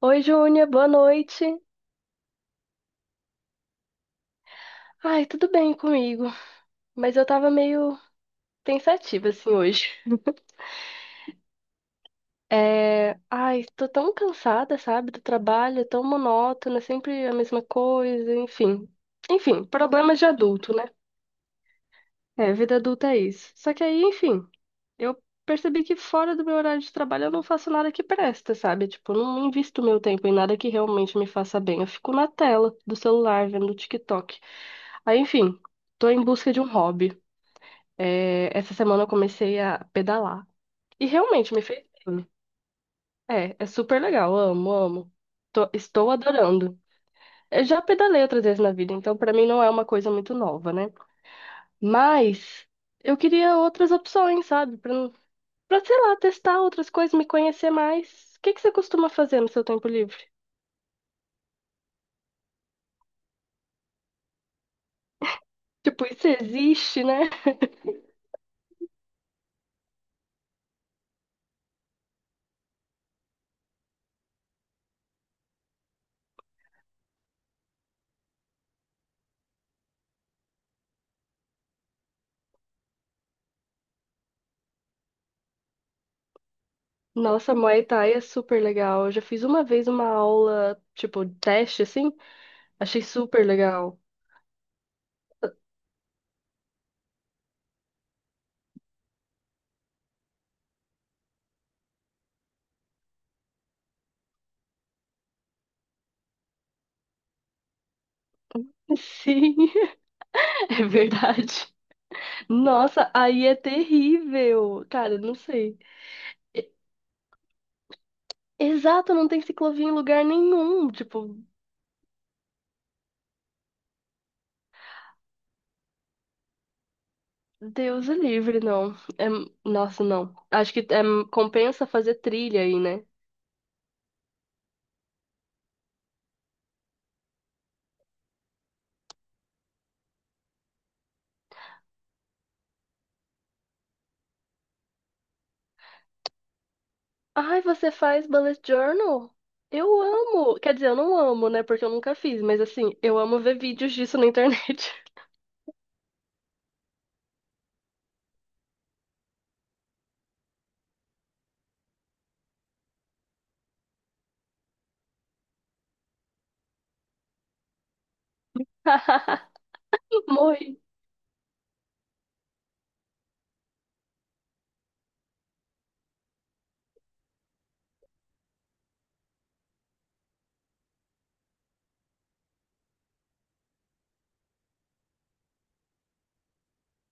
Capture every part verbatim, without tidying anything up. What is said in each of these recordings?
Oi, Júnia, boa noite. Ai, tudo bem comigo, mas eu tava meio pensativa assim hoje. É, ai, tô tão cansada, sabe, do trabalho, é tão monótono, é sempre a mesma coisa, enfim. Enfim, problemas de adulto, né? É, vida adulta é isso. Só que aí, enfim, eu percebi que fora do meu horário de trabalho eu não faço nada que presta, sabe? Tipo, eu não invisto meu tempo em nada que realmente me faça bem. Eu fico na tela do celular, vendo TikTok. Aí, enfim, tô em busca de um hobby. É, essa semana eu comecei a pedalar. E realmente me fez bem. É, é super legal. Amo, amo. Tô- estou adorando. Eu já pedalei outras vezes na vida, então pra mim não é uma coisa muito nova, né? Mas eu queria outras opções, sabe? Pra, não- Pra, sei lá, testar outras coisas, me conhecer mais. O que que você costuma fazer no seu tempo livre? Tipo, isso existe, né? Nossa, Muay Thai é super legal. Eu já fiz uma vez uma aula, tipo, teste, assim. Achei super legal. Sim. É verdade. Nossa, aí é terrível. Cara, não sei. E- Exato, não tem ciclovia em lugar nenhum. Tipo, Deus é livre, não. É... Nossa, não. Acho que é... compensa fazer trilha aí, né? Ai, você faz bullet journal? Eu amo. Quer dizer, eu não amo, né? Porque eu nunca fiz, mas assim, eu amo ver vídeos disso na internet. Morri.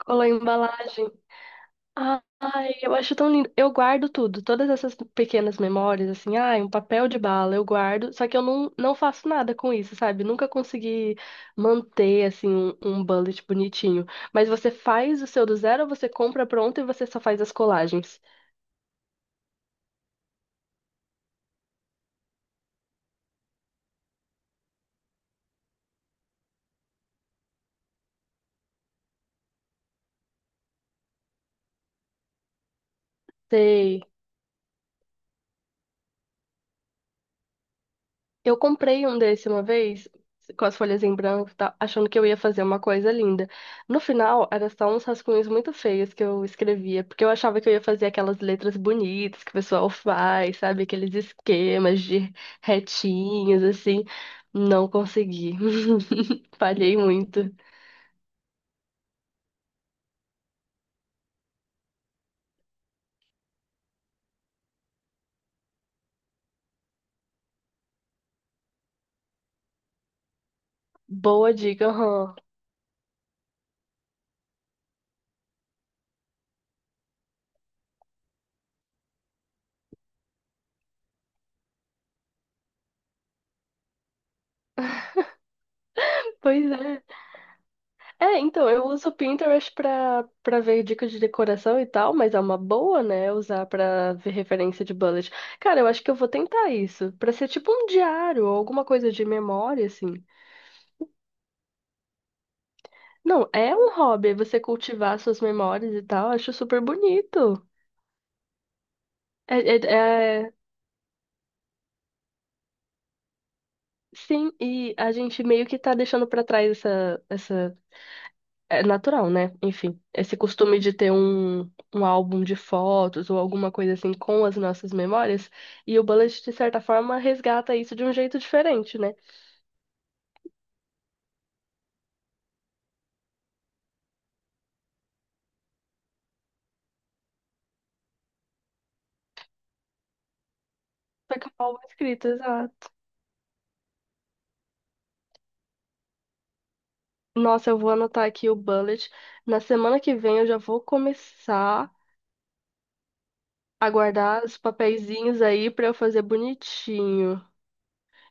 Colou a embalagem. Ai, eu acho tão lindo. Eu guardo tudo, todas essas pequenas memórias, assim, ai, um papel de bala, eu guardo, só que eu não, não faço nada com isso, sabe? Nunca consegui manter, assim, um, um bullet bonitinho. Mas você faz o seu do zero, você compra pronto e você só faz as colagens. Sei. Eu comprei um desse uma vez, com as folhas em branco e tal, achando que eu ia fazer uma coisa linda. No final, era só uns rascunhos muito feios que eu escrevia, porque eu achava que eu ia fazer aquelas letras bonitas que o pessoal faz, sabe? Aqueles esquemas de retinhos, assim. Não consegui. Falhei muito. Boa dica, aham. Pois é. É, então, eu uso o Pinterest pra, pra ver dicas de decoração e tal, mas é uma boa, né, usar pra ver referência de bullet. Cara, eu acho que eu vou tentar isso, pra ser tipo um diário ou alguma coisa de memória, assim. Não, é um hobby você cultivar suas memórias e tal, acho super bonito. É, é, é- Sim, e a gente meio que tá deixando pra trás essa. É natural, né? Enfim, esse costume de ter um, um álbum de fotos ou alguma coisa assim com as nossas memórias, e o Bullet, de certa forma, resgata isso de um jeito diferente, né? Só que um álbum é escrito, exato. Nossa, eu vou anotar aqui o Bullet. Na semana que vem eu já vou começar a guardar os papeizinhos aí pra eu fazer bonitinho.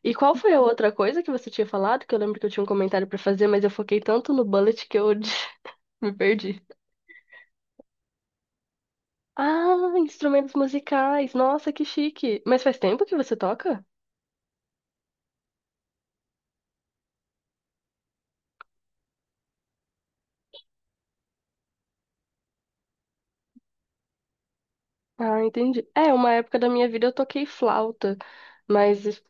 E qual foi a outra coisa que você tinha falado? Que eu lembro que eu tinha um comentário pra fazer, mas eu foquei tanto no Bullet que eu me perdi. Ah, instrumentos musicais. Nossa, que chique. Mas faz tempo que você toca? Ah, entendi. É, uma época da minha vida eu toquei flauta, mas es-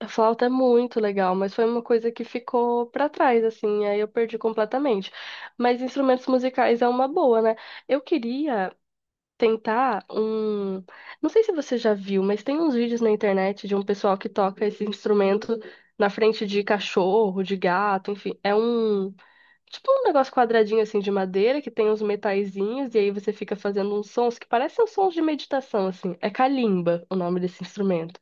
a flauta é muito legal, mas foi uma coisa que ficou pra trás, assim, aí eu perdi completamente. Mas instrumentos musicais é uma boa, né? Eu queria tentar um. Não sei se você já viu, mas tem uns vídeos na internet de um pessoal que toca esse instrumento na frente de cachorro, de gato, enfim. É um. Tipo um negócio quadradinho assim de madeira que tem uns metaizinhos e aí você fica fazendo uns sons que parecem uns sons de meditação assim. É kalimba o nome desse instrumento.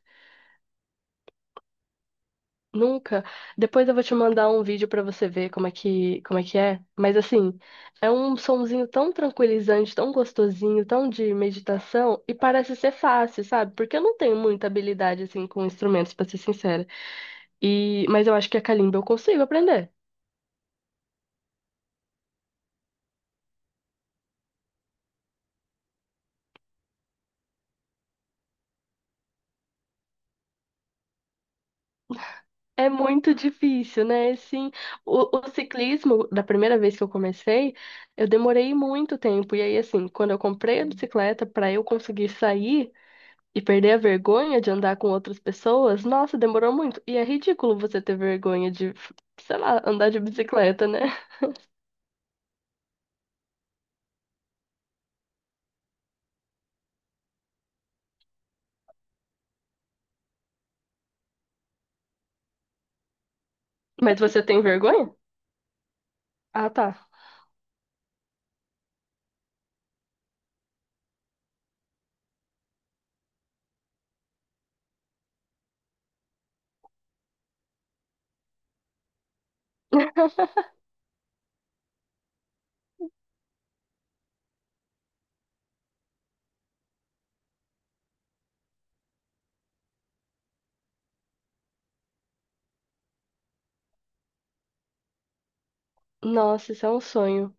Nunca. Depois eu vou te mandar um vídeo pra você ver como é que como é que é. Mas assim, é um sonzinho tão tranquilizante, tão gostosinho, tão de meditação e parece ser fácil, sabe? Porque eu não tenho muita habilidade assim com instrumentos, pra ser sincera. E mas eu acho que a kalimba eu consigo aprender. É muito difícil, né? Sim, o, o ciclismo, da primeira vez que eu comecei, eu demorei muito tempo. E aí, assim, quando eu comprei a bicicleta para eu conseguir sair e perder a vergonha de andar com outras pessoas, nossa, demorou muito. E é ridículo você ter vergonha de, sei lá, andar de bicicleta, né? Mas você tem vergonha? Ah, tá. Nossa, isso é um sonho.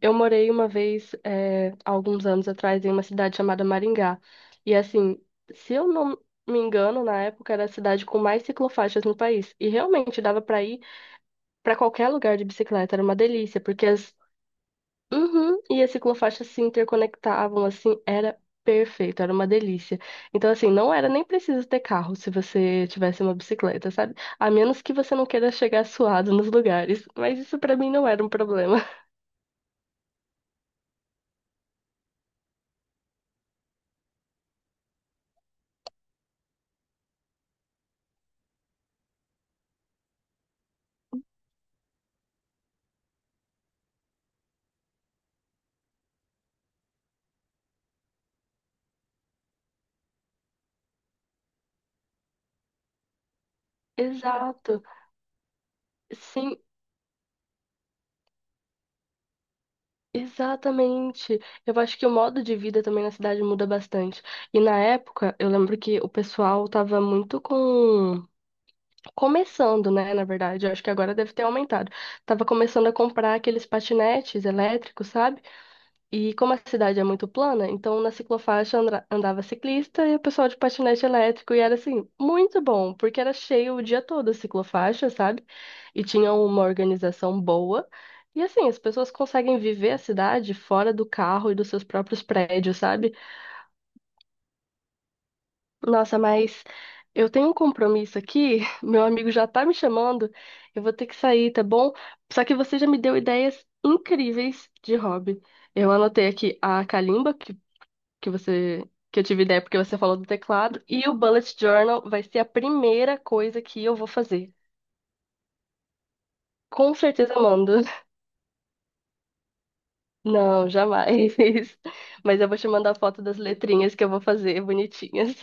Eu morei uma vez, eh, há alguns anos atrás, em uma cidade chamada Maringá. E assim, se eu não me engano, na época era a cidade com mais ciclofaixas no país. E realmente dava pra ir pra qualquer lugar de bicicleta, era uma delícia, porque as... Uhum, e as ciclofaixas se interconectavam, assim, era perfeito, era uma delícia. Então, assim, não era nem preciso ter carro se você tivesse uma bicicleta, sabe? A menos que você não queira chegar suado nos lugares. Mas isso pra mim não era um problema. Exato. Sim, exatamente. Eu acho que o modo de vida também na cidade muda bastante. E na época, eu lembro que o pessoal tava muito com começando, né, na verdade, eu acho que agora deve ter aumentado. Tava começando a comprar aqueles patinetes elétricos, sabe? E como a cidade é muito plana, então na ciclofaixa andra- andava ciclista e o pessoal de patinete elétrico. E era assim, muito bom, porque era cheio o dia todo a ciclofaixa, sabe? E tinha uma organização boa. E assim, as pessoas conseguem viver a cidade fora do carro e dos seus próprios prédios, sabe? Nossa, mas eu tenho um compromisso aqui, meu amigo já tá me chamando, eu vou ter que sair, tá bom? Só que você já me deu ideias incríveis de hobby. Eu anotei aqui a calimba que você que eu tive ideia porque você falou do teclado e o bullet journal vai ser a primeira coisa que eu vou fazer. Com certeza eu mando. Não, jamais. Mas eu vou te mandar a foto das letrinhas que eu vou fazer bonitinhas.